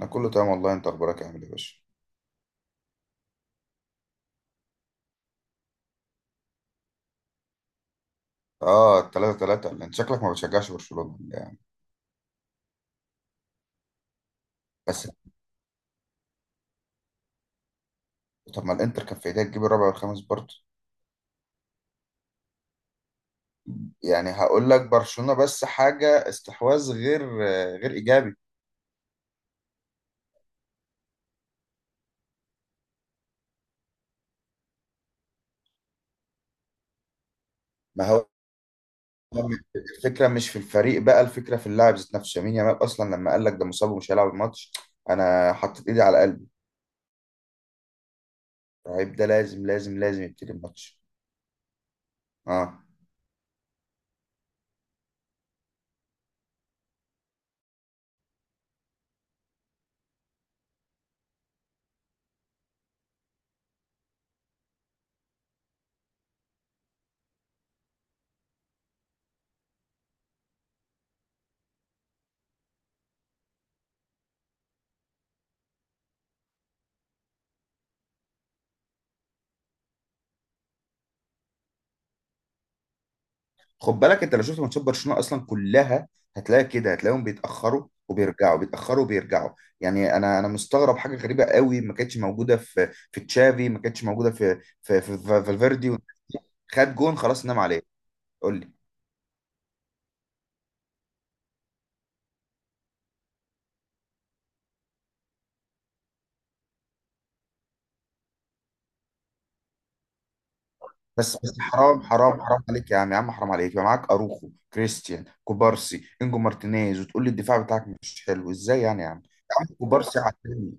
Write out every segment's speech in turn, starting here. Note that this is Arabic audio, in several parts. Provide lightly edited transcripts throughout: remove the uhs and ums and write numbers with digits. انا كله تمام والله. انت اخبارك عامل ايه يا باشا؟ اه، 3-3. انت شكلك ما بتشجعش برشلونة يعني. بس، طب ما الانتر كان في ايديها تجيب الرابع والخامس برضه. يعني هقول لك برشلونة بس حاجة استحواذ غير ايجابي. ما هو الفكرة مش في الفريق بقى، الفكرة في اللاعب ذات نفسه، يمين يامال اصلا لما قال لك ده مصاب ومش هيلعب الماتش انا حطيت ايدي على قلبي. لعيب ده لازم لازم لازم يبتدي الماتش. اه. خد بالك انت لو شفت ماتشات برشلونه اصلا كلها، هتلاقي كده، هتلاقيهم بيتاخروا وبيرجعوا، بيتاخروا وبيرجعوا. يعني انا مستغرب حاجه غريبه قوي، ما كانتش موجوده في تشافي، ما كانتش موجوده في فالفيردي والناس دي. خد جون خلاص نام عليه. قول لي. بس بس حرام حرام حرام عليك يا عم، يا عم حرام عليك، يبقى معاك اروخو، كريستيان كوبارسي، انجو مارتينيز، وتقول لي الدفاع بتاعك مش حلو؟ ازاي يعني يا عم، يا عم كوبارسي على التاني.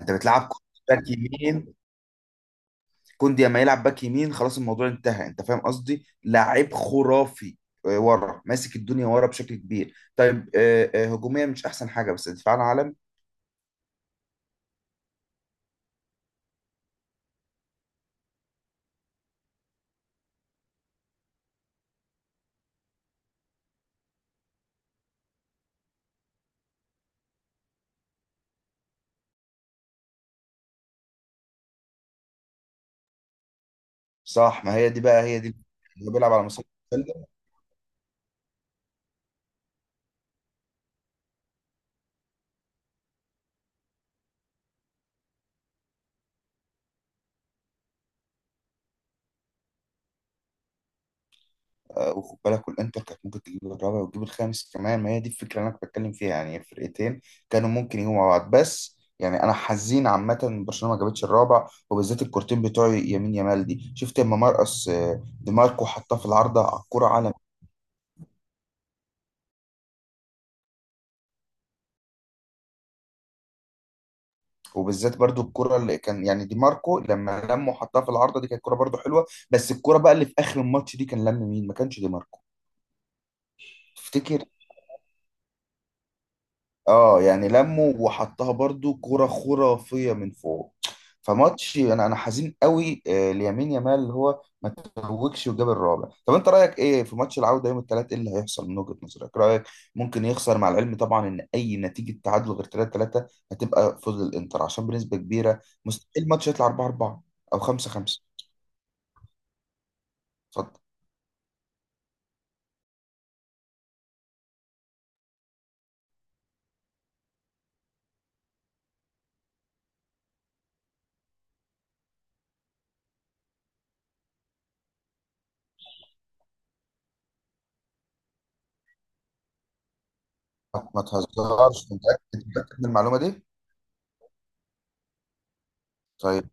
انت بتلعب باك يمين، كوندي اما يلعب باك يمين خلاص الموضوع انتهى، انت فاهم قصدي، لاعب خرافي. ورا ماسك الدنيا ورا بشكل كبير. طيب هجوميا مش احسن حاجه، بس دفاعنا عالم. صح، ما هي دي بقى، هي دي اللي بيلعب على مصيدة. وخد بالك، والانتر كانت ممكن تجيب الرابع وتجيب الخامس كمان. ما هي دي الفكره اللي انا كنت بتكلم فيها، يعني الفرقتين كانوا ممكن يجوا مع بعض. بس يعني انا حزين عامه إن برشلونه ما جابتش الرابع، وبالذات الكورتين بتوع يمين يامال دي. شفت لما مرقص، دي ماركو حطها في العارضه، على الكوره عالم. وبالذات برضو الكرة اللي كان يعني دي ماركو لما لم وحطها في العارضة دي، كانت كرة برضو حلوة. بس الكرة بقى اللي في آخر الماتش دي كان لم مين؟ ما كانش دي ماركو؟ تفتكر؟ اه، يعني لمه وحطها برضو كرة خرافية من فوق. فماتش، انا حزين قوي ليمين يامال اللي هو ما توجش وجاب الرابع. طب انت رايك ايه في ماتش العودة يوم الثلاث؟ ايه اللي هيحصل من وجهة نظرك؟ إيه رايك؟ ممكن يخسر، مع العلم طبعا ان اي نتيجة تعادل غير 3-3 هتبقى فوز الانتر، عشان بنسبة كبيرة مستحيل الماتش يطلع 4-4 او 5-5. اتفضل. ما تهزرش، انت متأكد؟ متأكد من المعلومة دي؟ طيب.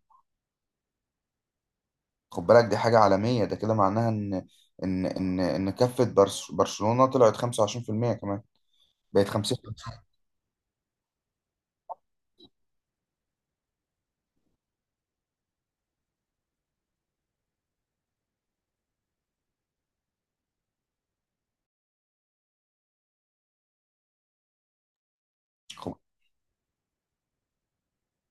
خد بالك دي حاجة عالمية، ده كده معناها ان كفة برشلونة طلعت 25% كمان. بقت 50. خد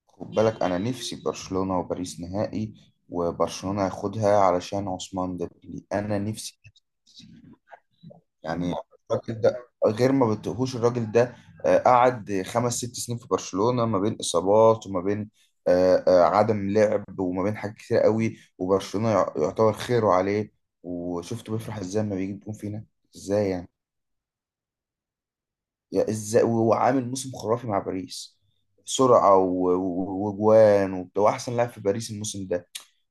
خد بالك، انا نفسي برشلونة وباريس نهائي، وبرشلونة ياخدها علشان عثمان ديمبلي. انا نفسي. يعني الراجل ده غير، ما بتقهوش الراجل ده. قعد خمس ست سنين في برشلونة ما بين إصابات، وما بين عدم لعب، وما بين حاجات كتير قوي، وبرشلونة يعتبر خيره عليه. وشفته بيفرح ازاي لما بيجيب جون فينا. ازاي يعني؟ يا ازاي وهو عامل موسم خرافي مع باريس؟ سرعة وجوان وبتاع، واحسن لاعب في باريس الموسم ده.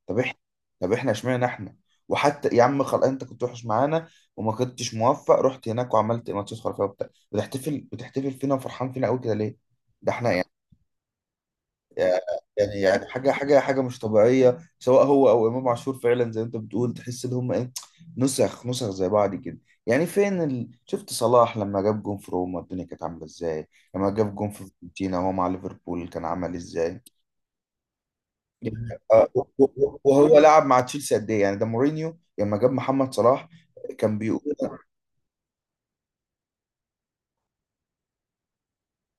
طب احنا طب احنا اشمعنى احنا؟ وحتى يا عم خلاص، انت كنت وحش معانا وما كنتش موفق، رحت هناك وعملت ماتشات خرافيه وبتاع، بتحتفل فينا وفرحان فينا قوي كده ليه؟ ده احنا يعني يعني يعني حاجه مش طبيعيه، سواء هو او امام عاشور فعلا زي ما انت بتقول. تحس ان هم ايه؟ نسخ نسخ زي بعض كده. يعني فين شفت صلاح لما جاب جون في روما الدنيا كانت عامله ازاي؟ لما جاب جون في فيورنتينا وهو مع ليفربول كان عمل ازاي؟ وهو لعب مع تشيلسي قد ايه يعني؟ ده مورينيو لما جاب محمد صلاح كان بيقول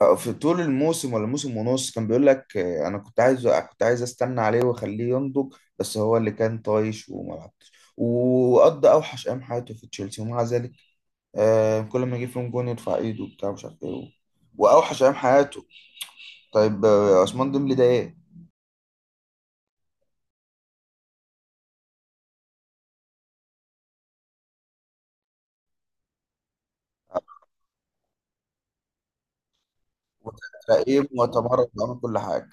في طول الموسم ولا موسم ونص، كان بيقول لك انا كنت عايز استنى عليه واخليه ينضج، بس هو اللي كان طايش وما لعبش. وقضى اوحش ايام حياته في تشيلسي، ومع ذلك كل ما يجيب فيهم جون يرفع ايده وبتاع مش عارف ايه. واوحش ايام حياته. طيب عثمان ديمبلي ده ايه؟ مترقب وتمرد وعمل كل حاجه.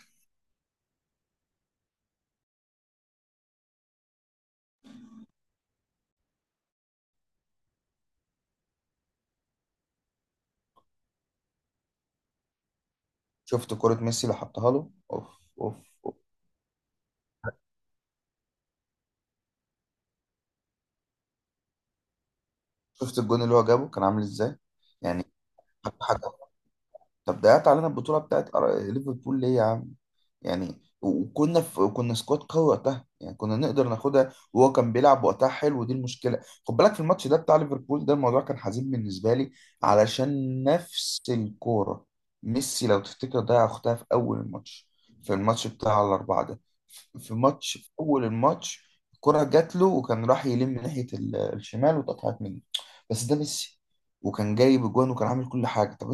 شفت كرة ميسي اللي حطها له؟ اوف. اوف. شفت الجون اللي هو جابه كان عامل ازاي؟ يعني حط حاجة. طب ده علينا البطوله بتاعت ليفربول ليه يا عم؟ يعني وكنا في كنا سكواد قوي وقتها، يعني كنا نقدر ناخدها، وهو كان بيلعب وقتها حلو ودي المشكله. خد بالك في الماتش ده بتاع ليفربول، ده الموضوع كان حزين بالنسبه لي، علشان نفس الكوره، ميسي لو تفتكر ضيع اختها في اول الماتش، في الماتش بتاع الاربعه ده. في اول الماتش الكره جات له وكان راح يلم من ناحيه الشمال واتقطعت منه. بس ده ميسي، وكان جايب اجوان وكان عامل كل حاجه. طب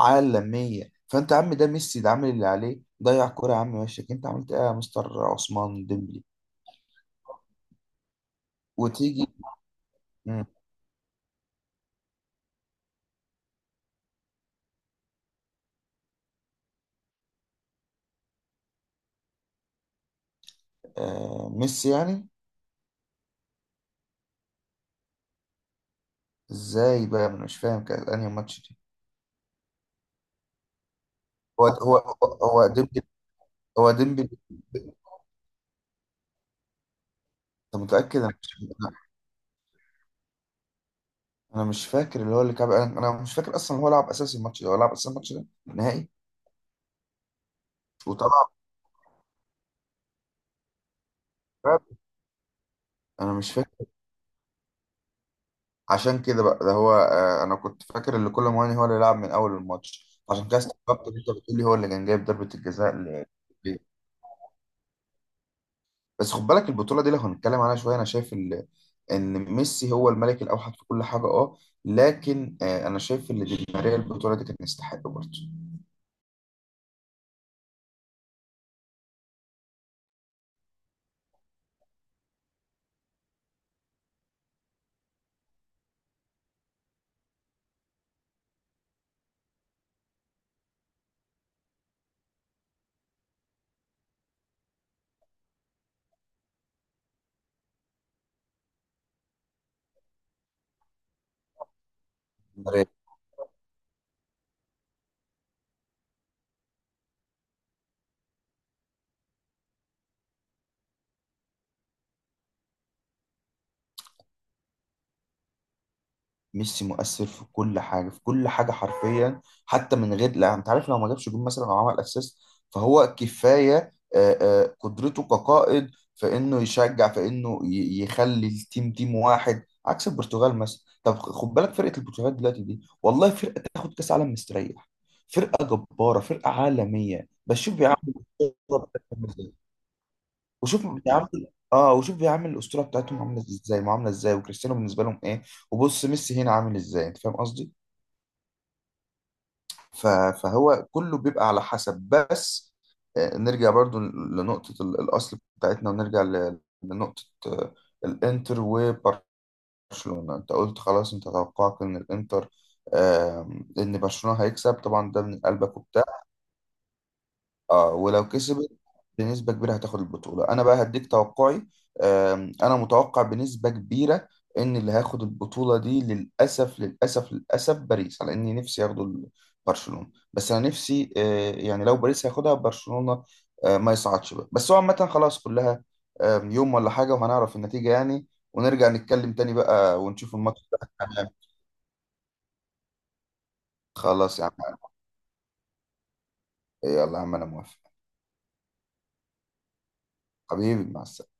عالمية، فأنت يا عم ده ميسي ده عامل اللي عليه ضيع كرة يا عم، وشك أنت عملت إيه يا مستر عثمان ديمبلي؟ وتيجي. مم. آه ميسي يعني؟ إزاي بقى، أنا مش فاهم كان أنهي ماتش دي؟ هو هو. هو ديمبلي؟ هو ديمبلي؟ أنت متأكد؟ أنا مش. أنا مش فاكر اللي هو اللي كعب، أنا مش فاكر أصلا هو لعب أساسي الماتش ده. هو لعب أساسي الماتش ده نهائي؟ وطلع باب. أنا مش فاكر. عشان كده بقى ده هو. انا كنت فاكر ان كل مواني هو اللي لعب من اول الماتش، عشان كده استغربت ان انت بتقولي هو اللي كان جايب ضربة الجزاء ليه. بس خد بالك البطولة دي لو هنتكلم عنها شوية، انا شايف ان ميسي هو الملك الاوحد في كل حاجة. اه. لكن انا شايف ان دي ماريا البطولة دي كان يستحق برضه. ميسي مؤثر في كل حاجه، في كل حاجه حرفيا، حتى من غير، لا انت عارف، لو ما جابش جون مثلا او عمل اسيست فهو كفايه قدرته كقائد، في انه يشجع، في انه يخلي التيم تيم واحد، عكس البرتغال مثلا. طب خد بالك فرقه البرتغال دلوقتي دي والله فرقه تاخد كاس عالم مستريح، فرقه جباره، فرقه عالميه، بس شوف بيعمل. وشوف بيعامل اه وشوف بيعامل الاسطوره بتاعتهم عامله ازاي، معامله ازاي، وكريستيانو بالنسبه لهم ايه. وبص ميسي هنا عامل ازاي، انت فاهم قصدي. ف... فهو كله بيبقى على حسب. بس نرجع برضو لنقطه الاصل بتاعتنا، ونرجع لنقطه الانتر وبرشلونه. انت قلت خلاص، انت توقعك ان الانتر آه، ان برشلونه هيكسب، طبعا ده من قلبك وبتاع. اه، ولو كسبت بنسبة كبيرة هتاخد البطولة. انا بقى هديك توقعي. انا متوقع بنسبة كبيرة ان اللي هياخد البطولة دي للأسف للأسف للأسف باريس، على اني نفسي ياخدوا برشلونة. بس انا نفسي يعني لو باريس هياخدها برشلونة ما يصعدش بقى. بس هو عامة خلاص كلها. يوم ولا حاجة وهنعرف النتيجة يعني. ونرجع نتكلم تاني بقى ونشوف الماتش ده. تمام. خلاص يا عم. يلا يا عم، انا موافق. حبيبي، مع السلامة.